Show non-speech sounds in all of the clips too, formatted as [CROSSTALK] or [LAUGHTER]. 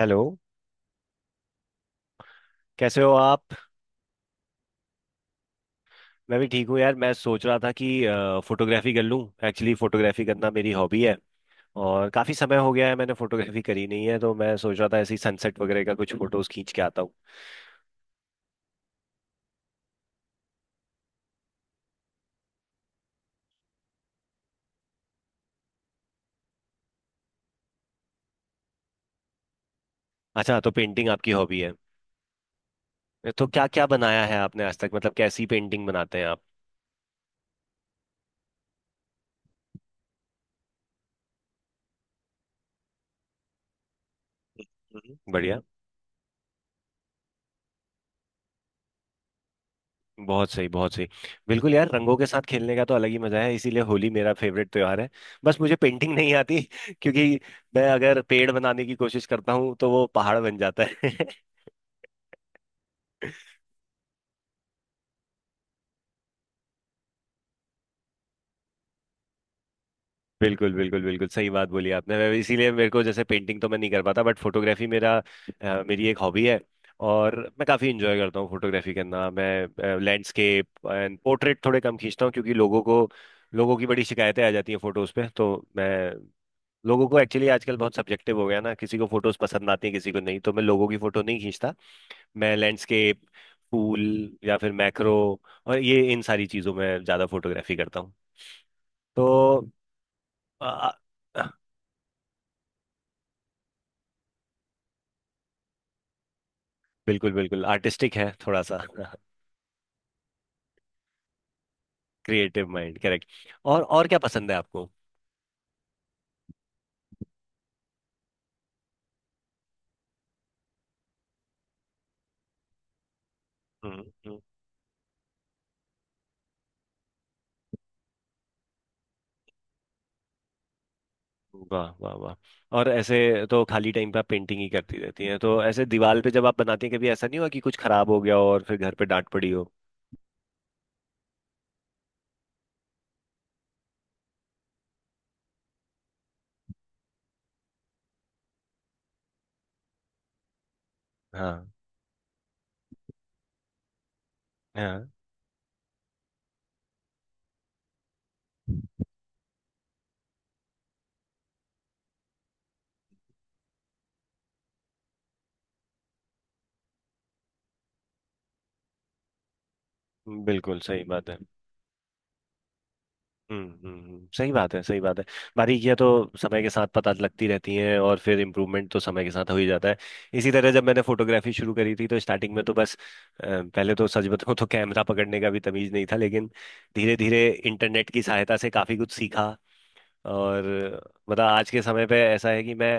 Hello. कैसे हो आप? मैं भी ठीक हूँ यार। मैं सोच रहा था कि फोटोग्राफी कर लूँ। एक्चुअली फोटोग्राफी करना मेरी हॉबी है और काफ़ी समय हो गया है मैंने फोटोग्राफी करी नहीं है, तो मैं सोच रहा था ऐसे ही सनसेट वगैरह का कुछ फोटोज खींच के आता हूँ। अच्छा, तो पेंटिंग आपकी हॉबी है। तो क्या क्या बनाया है आपने आज तक, मतलब कैसी पेंटिंग बनाते हैं आप? बढ़िया। बहुत सही, बहुत सही। बिल्कुल यार, रंगों के साथ खेलने का तो अलग ही मजा है, इसीलिए होली मेरा फेवरेट त्योहार है। बस मुझे पेंटिंग नहीं आती [LAUGHS] क्योंकि मैं अगर पेड़ बनाने की कोशिश करता हूँ तो वो पहाड़ बन जाता है [LAUGHS] बिल्कुल बिल्कुल बिल्कुल सही बात बोली आपने। इसीलिए मेरे को, जैसे, पेंटिंग तो मैं नहीं कर पाता बट फोटोग्राफी मेरा, मेरी एक हॉबी है और मैं काफ़ी इंजॉय करता हूँ फोटोग्राफी करना। मैं लैंडस्केप एंड पोर्ट्रेट थोड़े कम खींचता हूँ क्योंकि लोगों की बड़ी शिकायतें आ जाती हैं फोटोज पे, तो मैं लोगों को, एक्चुअली आजकल बहुत सब्जेक्टिव हो गया ना, किसी को फोटोज पसंद आती है किसी को नहीं, तो मैं लोगों की फोटो नहीं खींचता। मैं लैंडस्केप, फूल या फिर मैक्रो और ये इन सारी चीजों में ज्यादा फोटोग्राफी करता हूँ। तो आ, बिल्कुल बिल्कुल, आर्टिस्टिक है थोड़ा सा। Creative mind, correct. और क्या पसंद है आपको? हम्म, हम्म, वाह वाह वाह। और ऐसे, तो खाली टाइम पे आप पेंटिंग ही करती रहती हैं? तो ऐसे दीवार पे जब आप बनाती हैं, कभी ऐसा नहीं हुआ कि कुछ खराब हो गया हो और फिर घर पे डांट पड़ी हो? हाँ। हाँ। बिल्कुल सही बात है। सही बात है, सही बात है। बारीकियां तो समय के साथ पता लगती रहती हैं और फिर इम्प्रूवमेंट तो समय के साथ हो ही जाता है। इसी तरह जब मैंने फोटोग्राफी शुरू करी थी तो स्टार्टिंग में तो बस, पहले तो सच बताऊं तो कैमरा पकड़ने का भी तमीज नहीं था, लेकिन धीरे धीरे इंटरनेट की सहायता से काफी कुछ सीखा। और मतलब आज के समय पे ऐसा है कि मैं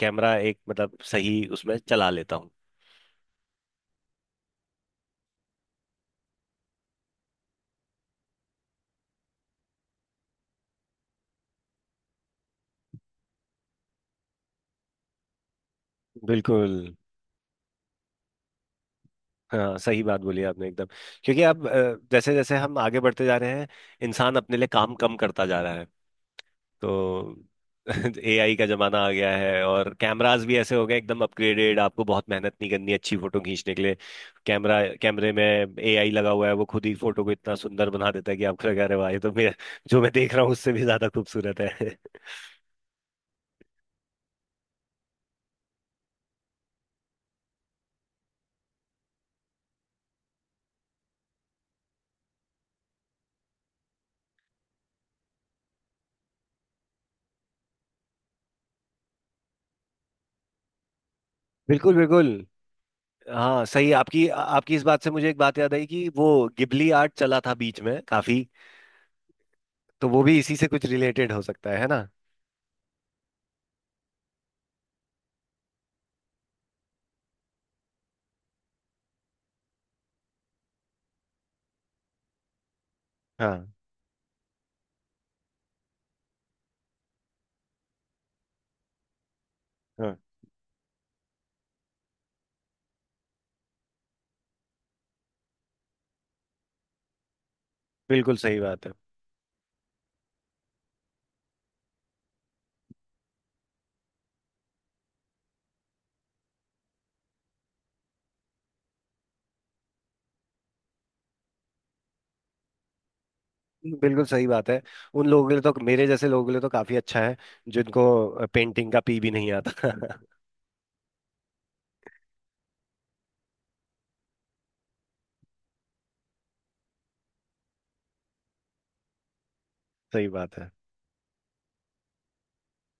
कैमरा एक, मतलब, सही उसमें चला लेता हूँ। बिल्कुल। हाँ सही बात बोली आपने एकदम। क्योंकि अब, जैसे जैसे हम आगे बढ़ते जा रहे हैं, इंसान अपने लिए काम कम करता जा रहा है। तो [LAUGHS] एआई का जमाना आ गया है और कैमरास भी ऐसे हो गए एकदम अपग्रेडेड, आपको बहुत मेहनत नहीं करनी अच्छी फोटो खींचने के लिए। कैमरा कैमरे में एआई लगा हुआ है, वो खुद ही फोटो को इतना सुंदर बना देता है कि आपको लगा रहे वाह, ये तो मैं, जो मैं देख रहा हूँ उससे भी ज्यादा खूबसूरत है [LAUGHS] बिल्कुल बिल्कुल। हाँ सही। आपकी आपकी इस बात से मुझे एक बात याद आई कि वो गिबली आर्ट चला था बीच में काफी, तो वो भी इसी से कुछ रिलेटेड हो सकता है ना? हाँ। हाँ। बिल्कुल सही बात है। बिल्कुल सही बात है। उन लोगों के लिए, तो मेरे जैसे लोगों के लिए तो काफी अच्छा है जिनको पेंटिंग का पी भी नहीं आता। [LAUGHS] सही बात है।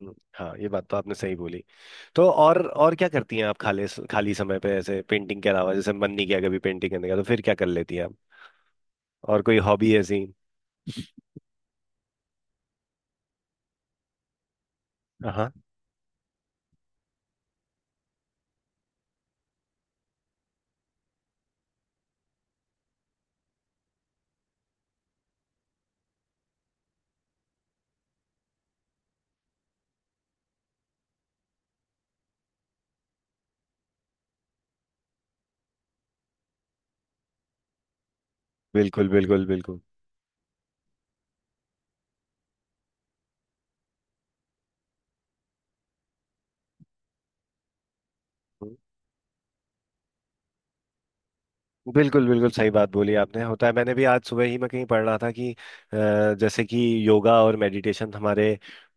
हाँ ये बात तो आपने सही बोली। तो और क्या करती हैं आप खाली खाली समय पे, ऐसे पेंटिंग के अलावा, जैसे मन नहीं किया कभी पेंटिंग करने का तो फिर क्या कर लेती हैं आप? और कोई हॉबी ऐसी? हाँ। बिल्कुल बिल्कुल बिल्कुल बिल्कुल बिल्कुल सही बात बोली आपने, होता है। मैंने भी आज सुबह ही, मैं कहीं पढ़ रहा था कि, जैसे कि योगा और मेडिटेशन हमारे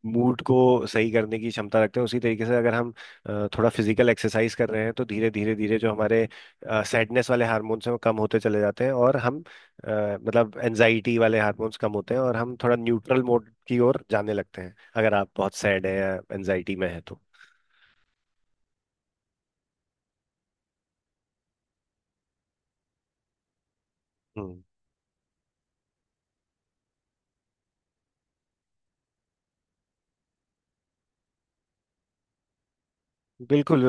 मूड को सही करने की क्षमता रखते हैं, उसी तरीके से अगर हम, थोड़ा फिजिकल एक्सरसाइज कर रहे हैं तो धीरे धीरे धीरे जो हमारे सैडनेस वाले हार्मोन्स हैं वो कम होते चले जाते हैं, और हम, मतलब एनजाइटी वाले हार्मोन्स कम होते हैं और हम थोड़ा न्यूट्रल मोड की ओर जाने लगते हैं, अगर आप बहुत सैड है या एनजाइटी में है तो। हम्म। बिल्कुल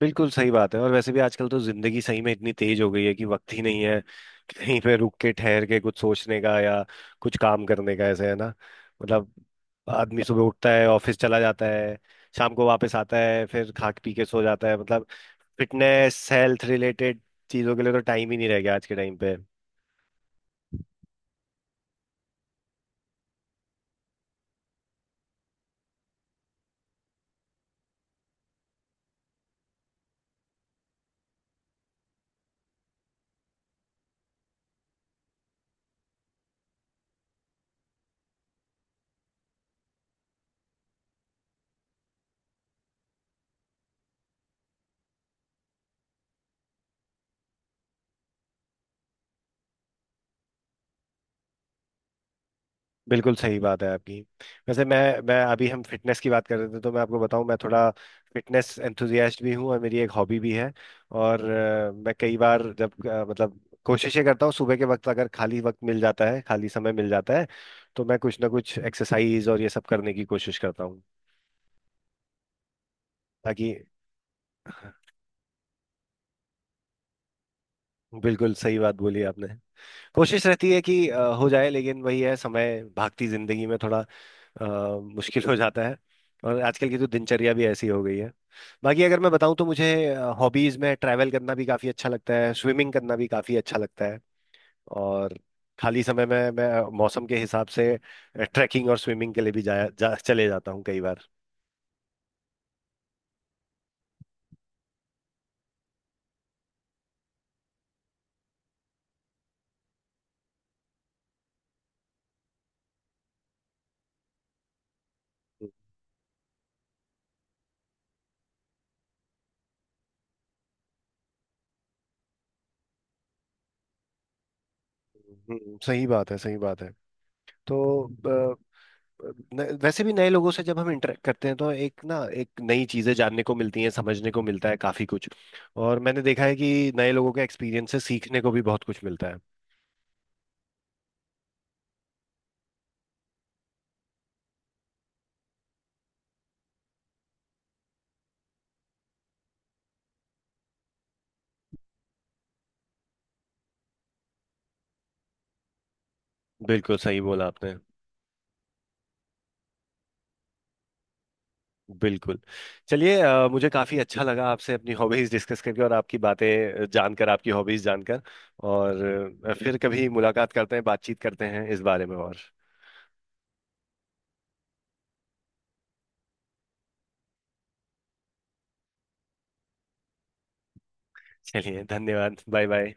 बिल्कुल सही बात है। और वैसे भी आजकल तो जिंदगी सही में इतनी तेज हो गई है कि वक्त ही नहीं है कहीं पे रुक के, ठहर के कुछ सोचने का, या कुछ काम करने का ऐसे, है ना? मतलब आदमी सुबह उठता है ऑफिस चला जाता है, शाम को वापस आता है फिर खा पी के सो जाता है। मतलब फिटनेस हेल्थ रिलेटेड चीजों के लिए तो टाइम ही नहीं रह गया आज के टाइम पे। बिल्कुल सही बात है आपकी। वैसे मैं अभी, हम फिटनेस की बात कर रहे थे, तो मैं आपको बताऊं, मैं थोड़ा फिटनेस एंथुजियास्ट भी हूं और मेरी एक हॉबी भी है। और मैं कई बार जब, मतलब कोशिशें करता हूँ सुबह के वक्त, अगर खाली वक्त मिल जाता है, खाली समय मिल जाता है, तो मैं कुछ ना कुछ एक्सरसाइज और ये सब करने की कोशिश करता हूँ ताकि। बिल्कुल सही बात बोली आपने। कोशिश रहती है कि, हो जाए, लेकिन वही है समय, भागती जिंदगी में थोड़ा, मुश्किल हो जाता है। और आजकल की तो दिनचर्या भी ऐसी हो गई है। बाकी अगर मैं बताऊं तो मुझे हॉबीज में ट्रैवल करना भी काफी अच्छा लगता है, स्विमिंग करना भी काफी अच्छा लगता है। और खाली समय में मैं मौसम के हिसाब से ट्रैकिंग और स्विमिंग के लिए भी चले जाता हूँ कई बार। सही बात है, सही बात है। तो अ, वैसे भी नए लोगों से जब हम इंटरेक्ट करते हैं तो एक ना एक नई चीजें जानने को मिलती हैं, समझने को मिलता है काफी कुछ। और मैंने देखा है कि नए लोगों के एक्सपीरियंस से सीखने को भी बहुत कुछ मिलता है। बिल्कुल सही बोला आपने। बिल्कुल। चलिए, मुझे काफ़ी अच्छा लगा आपसे अपनी हॉबीज़ डिस्कस करके और आपकी बातें जानकर, आपकी हॉबीज़ जानकर। और फिर कभी मुलाकात करते हैं, बातचीत करते हैं इस बारे में और। चलिए, धन्यवाद, बाय बाय।